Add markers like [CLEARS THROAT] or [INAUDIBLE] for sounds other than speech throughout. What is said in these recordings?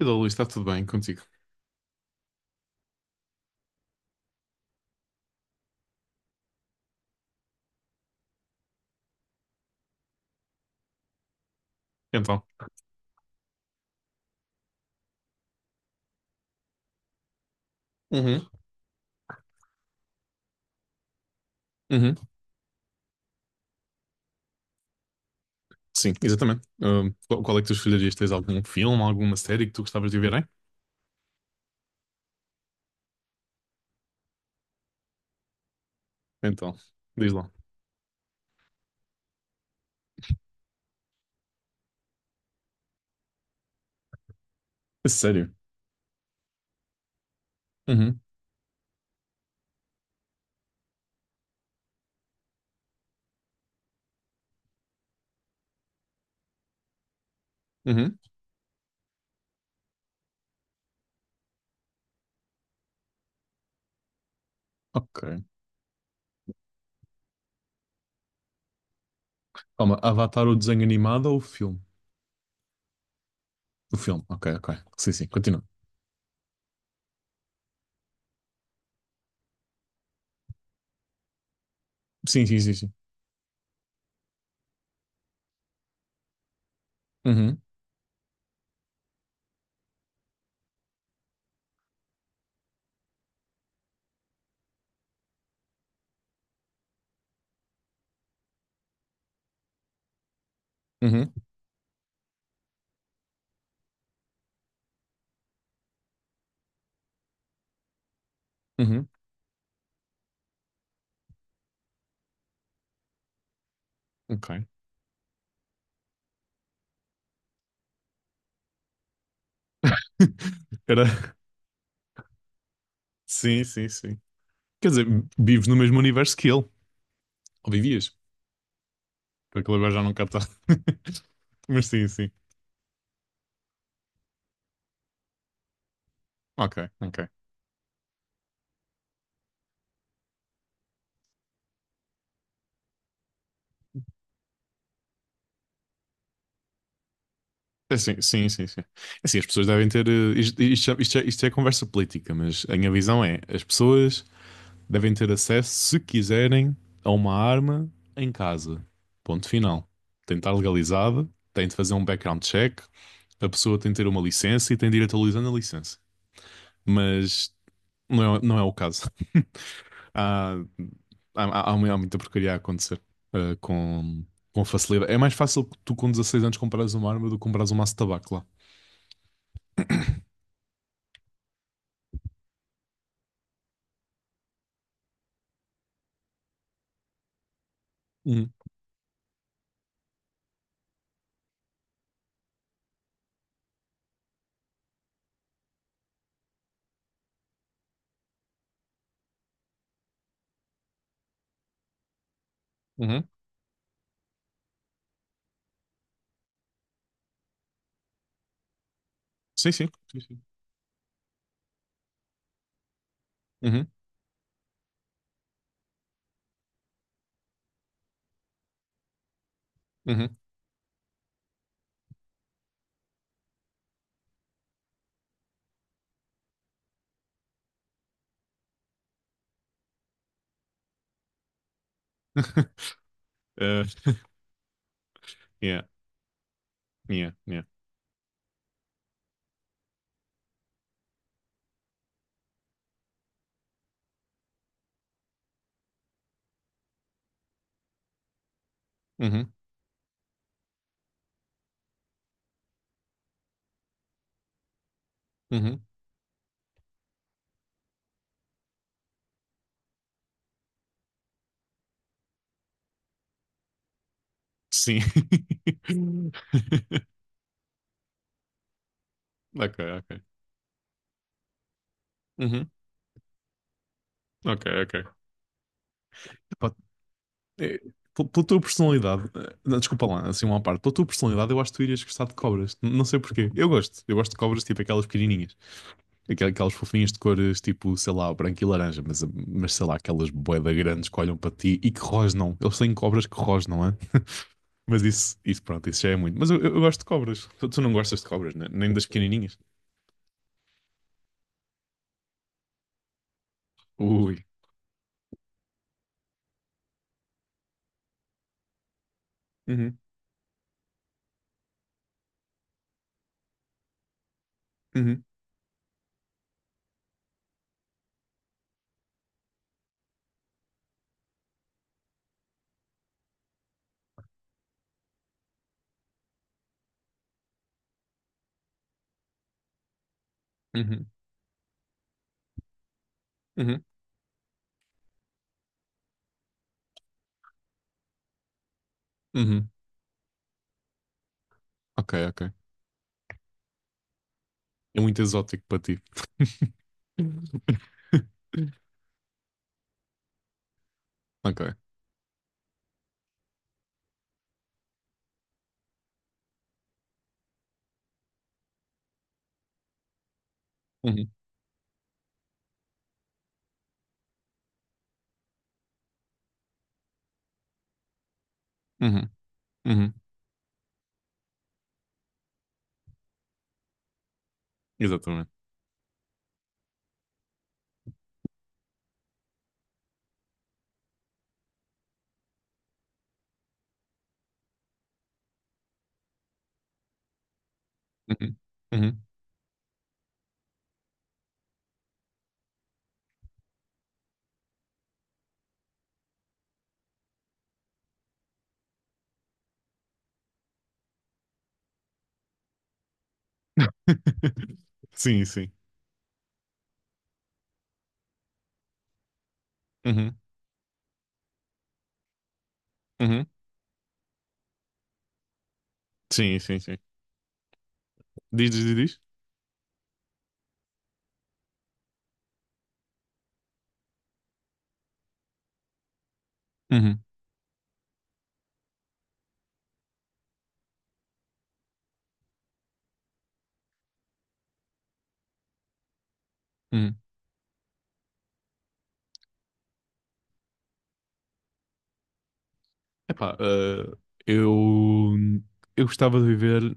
Olá, Luís, está tudo bem contigo? Então. Uhum, uhum. Sim, exatamente. Qual, qual é que tu escolherias? Tens algum filme, alguma série que tu gostavas de ver, hein? Então, diz lá. A sério? Uhum, uhum. Ok. Calma, Avatar, o desenho animado ou o filme? O filme, ok, ok. Sim, sim, continua. Sim, sim, sim, sim. Uhum, uhum, uhum. Ok. [LAUGHS] Era. Sim, sim, sim. Quer dizer, vives no mesmo universo que ele. Ou vivias? Porque ele agora já não cá. [LAUGHS] Mas sim, sim. Ok, ok. Assim, sim, sim, sim. Assim, as pessoas devem ter. Isto, isto, isto é conversa política, mas a minha visão é: as pessoas devem ter acesso, se quiserem, a uma arma em casa. Ponto final. Tem de estar legalizada, tem de fazer um background check, a pessoa tem de ter uma licença e tem de ir atualizando a licença. Mas não é, não é o caso. [LAUGHS] Há, há muita porcaria a acontecer, eh, com, com facilidade. É mais fácil que tu, com 16 anos, comprares uma arma do que comprares um maço de tabaco lá. Uhum. Uhum. Sim, sim. Sim, sim. Uhum, uhum. [LAUGHS] Uh, yeah, yeah, yeah. Uhum, uhum. Sim. [LAUGHS] Ok, ok. Uhum, ok, ok. Pá, é, pela tua personalidade, não, desculpa lá, assim uma parte, pela tua personalidade, eu acho que tu irias gostar de cobras. Não sei porquê. Eu gosto. Eu gosto de cobras, tipo aquelas pequenininhas. Aquelas fofinhas de cores, tipo, sei lá, branco e laranja, mas sei lá, aquelas bué da grandes que olham para ti e que rosnam. Eles têm cobras que rosnam. Mas isso, pronto, isso já é muito. Mas eu gosto de cobras. Tu, tu não gostas de cobras, né? Nem das pequenininhas? Ui. Uhum, uhum, uhum, uhum, uhum. Ok, ok. É muito exótico para ti. [LAUGHS] Ok. Uhum, uhum, uhum. Exatamente. Uhum, uhum. [LAUGHS] Sim, sim. Uhum, uhum. Sim, sim, sim. Diz, diz, diz, diz. Uhum, uhum. Epá, eu, eu gostava de viver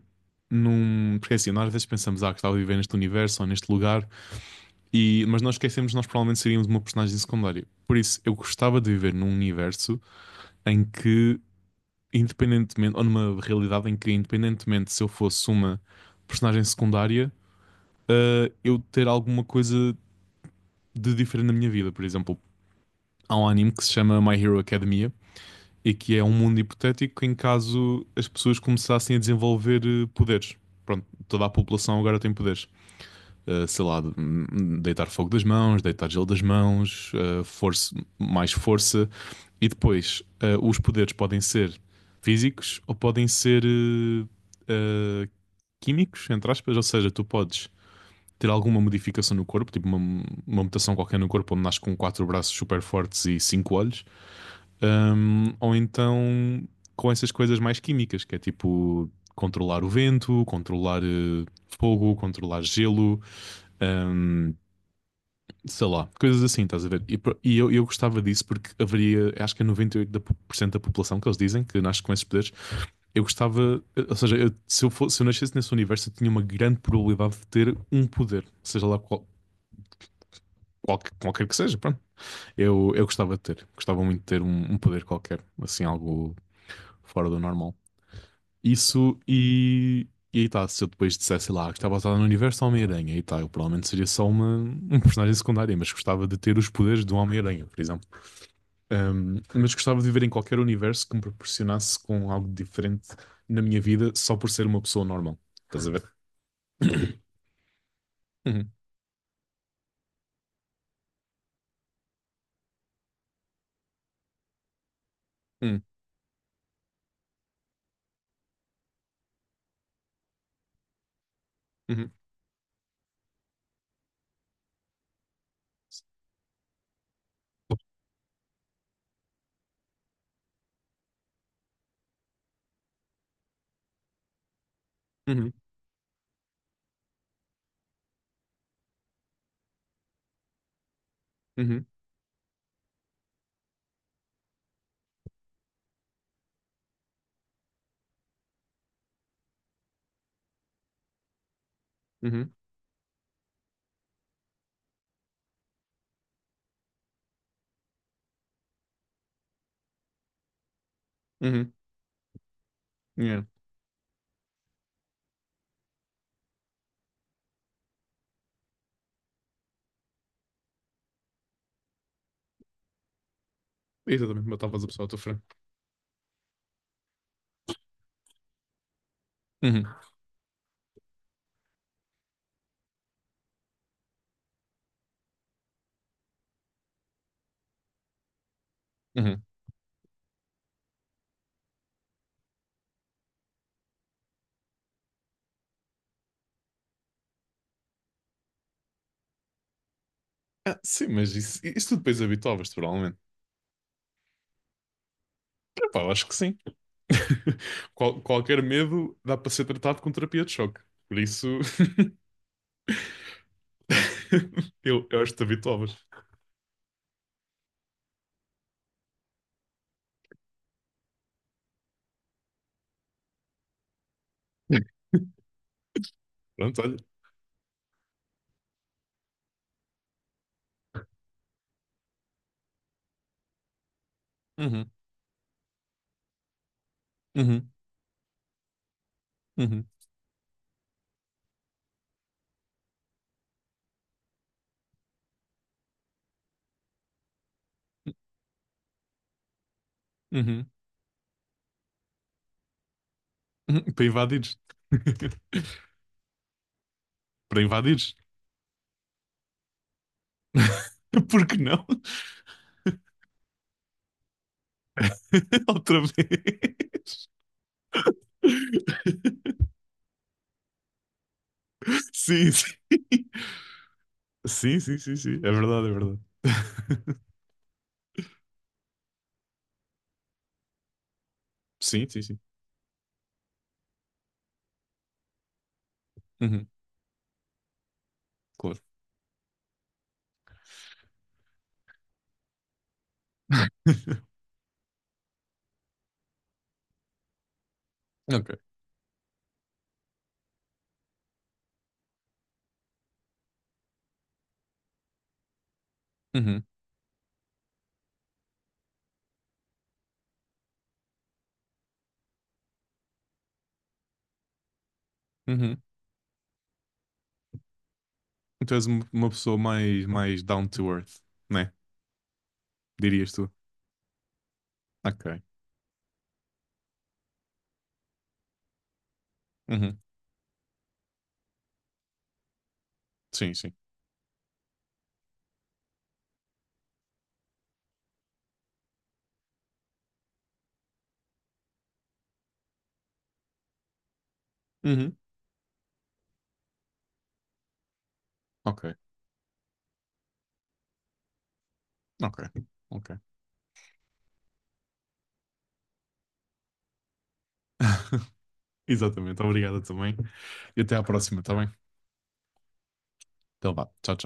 num. Porque é assim, nós às vezes pensamos, ah, gostava de viver neste universo ou neste lugar. E, mas nós esquecemos que nós provavelmente seríamos uma personagem secundária. Por isso, eu gostava de viver num universo em que, independentemente, ou numa realidade em que, independentemente se eu fosse uma personagem secundária, eu ter alguma coisa de diferente na minha vida. Por exemplo, há um anime que se chama My Hero Academia e que é um mundo hipotético em caso as pessoas começassem a desenvolver poderes. Pronto, toda a população agora tem poderes. Eh, sei lá, Deitar fogo das mãos, deitar gelo das mãos, força, mais força. E depois, os poderes podem ser físicos ou podem ser eh, químicos, entre aspas, ou seja, tu podes ter alguma modificação no corpo, tipo uma mutação qualquer no corpo, onde nasce com quatro braços super fortes e cinco olhos. Ou então com essas coisas mais químicas, que é tipo controlar o vento, controlar fogo, controlar gelo, ahm, sei lá, coisas assim, estás a ver? E, eu gostava disso porque haveria, acho que é 98% da por cento da população que eles dizem que nasce com esses poderes. Eu gostava, ou seja, eu- se, eu fosse, se eu nascesse nesse universo, eu tinha uma grande probabilidade de ter um poder, seja lá qual. Qualquer que seja, pronto. Eu gostava de ter, gostava muito de ter um, um poder qualquer, assim, algo fora do normal. Isso e aí tá, se eu depois dissesse sei lá, que estava basado no universo do Homem-Aranha, aí tá, eu provavelmente seria só uma, um personagem secundário, mas gostava de ter os poderes do Homem-Aranha, por exemplo. Mas gostava de viver em qualquer universo que me proporcionasse com algo diferente na minha vida só por ser uma pessoa normal. Estás a ver? [CLEARS THROAT] Uhum, uhum, uhum, uhum, uhum, uhum, uhum, yeah. Exatamente, matavas a pessoa à tua frente. Uhum, uhum. Ah, sim, mas isso tu depois habituavas-te, provavelmente. Epá, eu acho que sim. [LAUGHS] Qual- qualquer medo dá para ser tratado com terapia de choque. Por isso, [LAUGHS] eu acho que te habituavas. Pronto, olha. Uhum, uhum, uhum, uhum. [LAUGHS] Para invadires. [LAUGHS] Para invadires. [LAUGHS] Por que não? [LAUGHS] Outra vez. [LAUGHS] Sim, sim. Sim, sim, sim, sim. É verdade, é verdade. [LAUGHS] Sim, sim, sim. Uhum, claro. [LAUGHS] Ok. Uhum, uhum. Tu és uma pessoa mais, mais down to earth, né? Dirias tu. Ok. Uhum. Sim, sim. Uhum. Ok. Ok. Ok. [LAUGHS] Exatamente. Obrigado também. E até à próxima, tá bem? Então vá. Tchau, tchau.